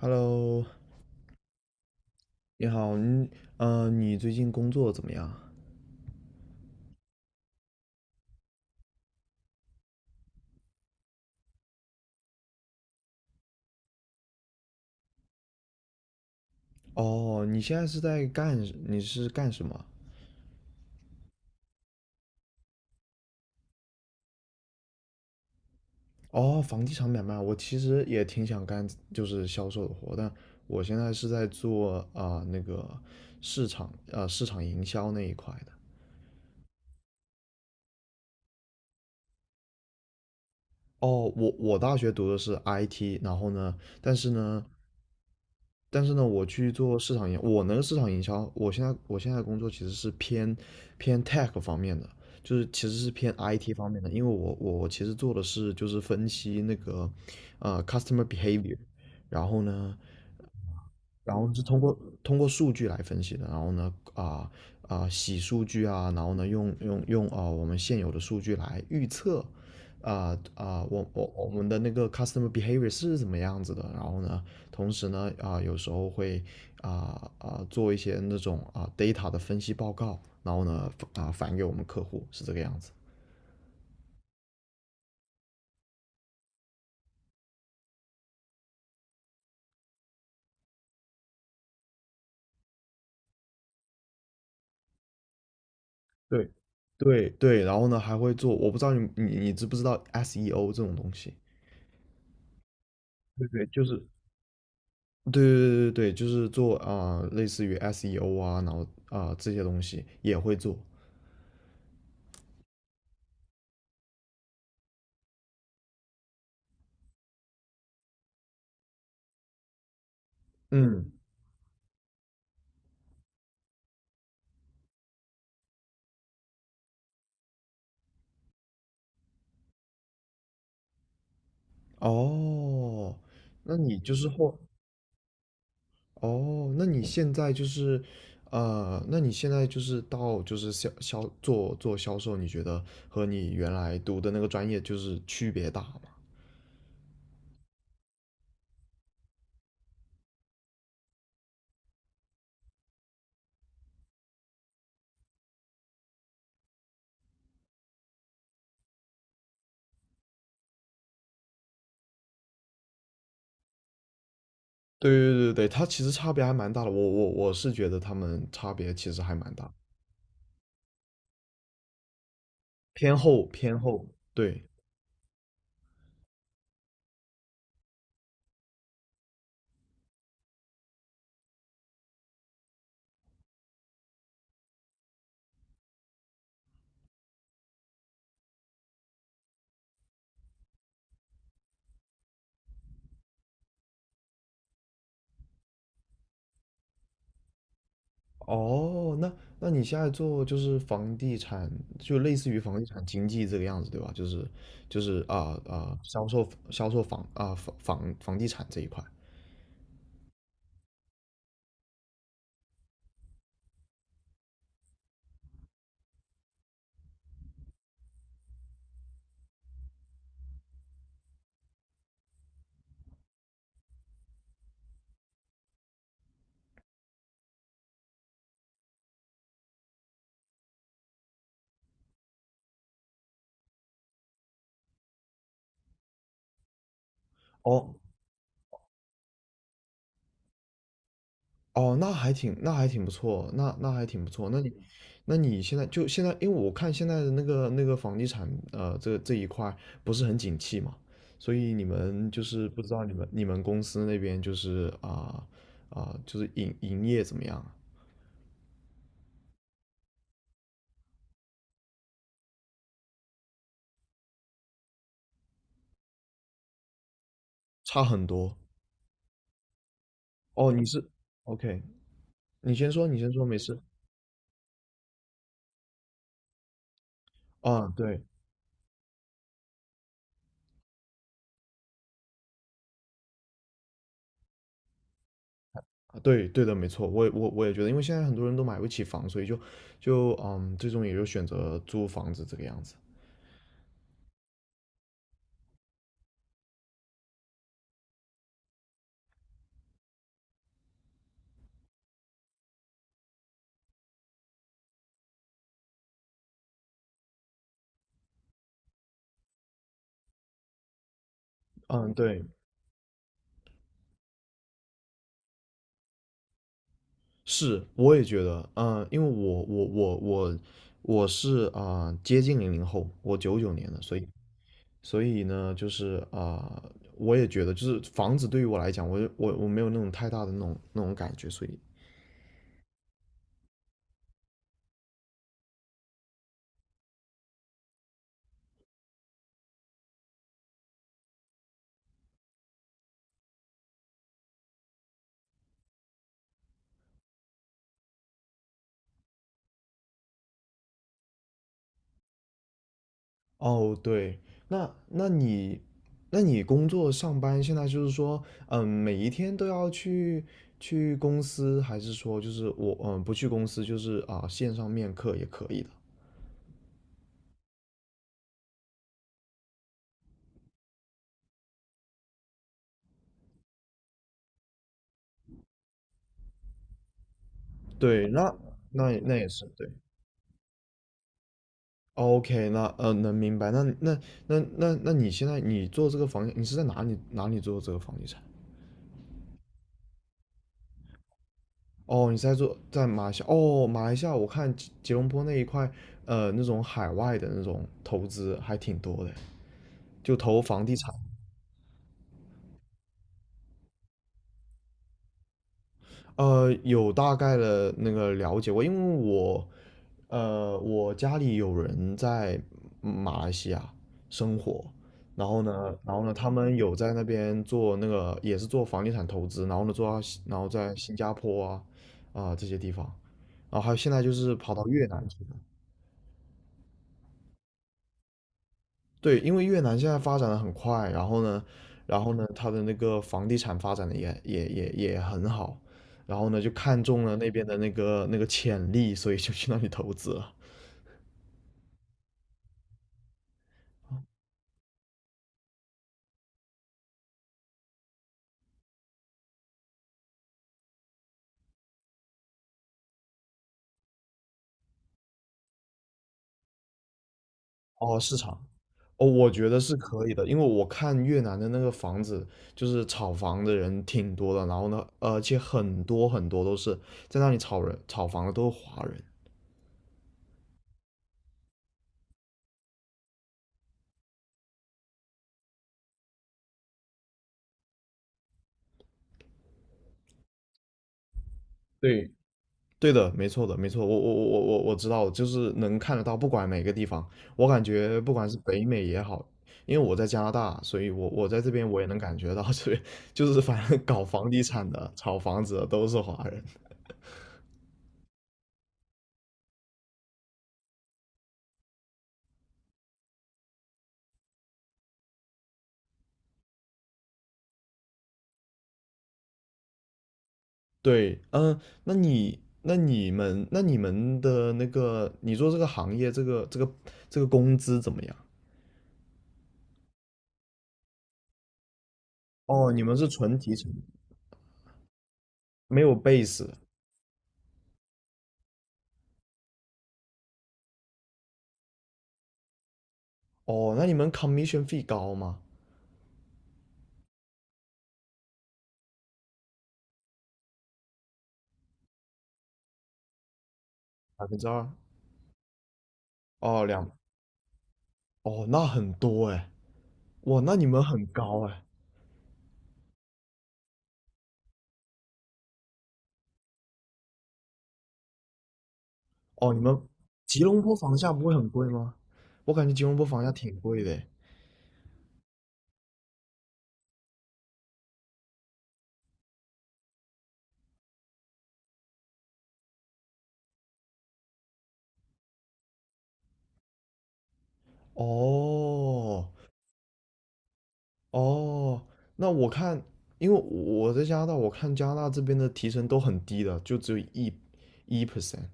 Hello，你好，你最近工作怎么样？哦，你是干什么？哦，房地产买卖，我其实也挺想干，就是销售的活，但我现在是在做那个市场营销那一块的。哦，我大学读的是 IT，然后呢，但是呢，但是呢，我那个市场营销，我现在工作其实是偏 tech 方面的，就是其实是偏 IT 方面的，因为我其实做的是就是分析那个customer behavior，然后呢，然后是通过数据来分析的，然后呢洗数据啊，然后呢用我们现有的数据来预测我们的那个 customer behavior 是怎么样子的，然后呢同时呢有时候会做一些那种data 的分析报告，然后呢返给我们客户是这个样子。对对对，然后呢还会做，我不知道你知不知道 SEO 这种东西。对对，就是对对对对，对，就是做类似于 SEO 啊，然后这些东西也会做。嗯，哦，那你就是后，哦，那你现在就是做销售，你觉得和你原来读的那个专业就是区别大吗？对对对对，它其实差别还蛮大的，我是觉得他们差别其实还蛮大，偏后，对。哦，那你现在做就是房地产，就类似于房地产经济这个样子，对吧？就是销售销售房啊房房房地产这一块。哦哦，那还挺不错，那还挺不错。那你现在就现在，因为我看现在的那个房地产这一块不是很景气嘛，所以你们就是不知道你们公司那边就是营业怎么样啊差很多。哦，OK,你先说，你先说，没事。啊，对，啊，对，对的，没错，我也觉得，因为现在很多人都买不起房，所以就最终也就选择租房子这个样子。嗯，对，是，我也觉得，因为我是接近00后，我99年的，所以呢，就是我也觉得，就是房子对于我来讲，我就我我没有那种太大的那种感觉，所以哦，对，那那你，那你工作上班现在就是说，每一天都要去公司，还是说就是我不去公司，就是线上面课也可以的。对，那也是对。OK,那能明白。那你现在你做这个房地，你是在哪里做这个房地产？哦，你是在做在马来西亚？哦，马来西亚我看吉隆坡那一块，那种海外的那种投资还挺多的。就投房地产。有大概的那个了解过，因为我家里有人在马来西亚生活，然后呢,他们有在那边做那个也是做房地产投资，然后呢，做到新然后在新加坡这些地方，然后还有现在就是跑到越南去了。对，因为越南现在发展的很快，然后呢,它的那个房地产发展的也很好，然后呢，就看中了那边的那个潜力，所以就去那里投资了。哦，市场，哦，我觉得是可以的，因为我看越南的那个房子，就是炒房的人挺多的，然后呢，而且很多都是在那里炒房的都是华人。对。对的，没错的，没错，我知道，就是能看得到，不管哪个地方，我感觉不管是北美也好，因为我在加拿大，所以我在这边我也能感觉到这边就是反正搞房地产的、炒房子的都是华人。对，嗯，那你们的那个，你做这个行业，这个工资怎么样？哦，你们是纯提成，没有 base。哦，那你们 commission fee 高吗？2%？哦，哦，那很多哎。哇，那你们很高哎、哦，你们吉隆坡房价不会很贵吗？我感觉吉隆坡房价挺贵的诶哦哦，那我看，因为我在加拿大，我看加拿大这边的提成都很低的，就只有一 percent。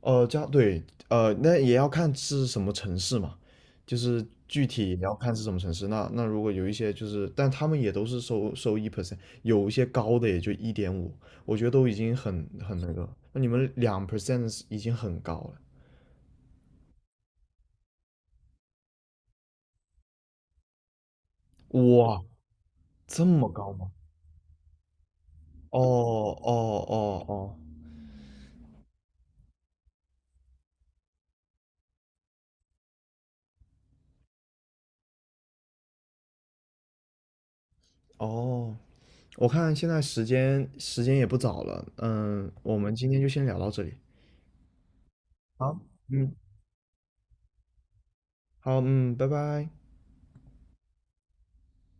这样对，那也要看是什么城市嘛，就是具体也要看是什么城市。那如果有一些就是，但他们也都是收一 percent,有一些高的也就1.5，我觉得都已经很那个那你们2% 已经很高了，哇，这么高吗？哦哦哦哦哦，我看现在时间也不早了，嗯，我们今天就先聊到这里。好，嗯，好，嗯，拜拜。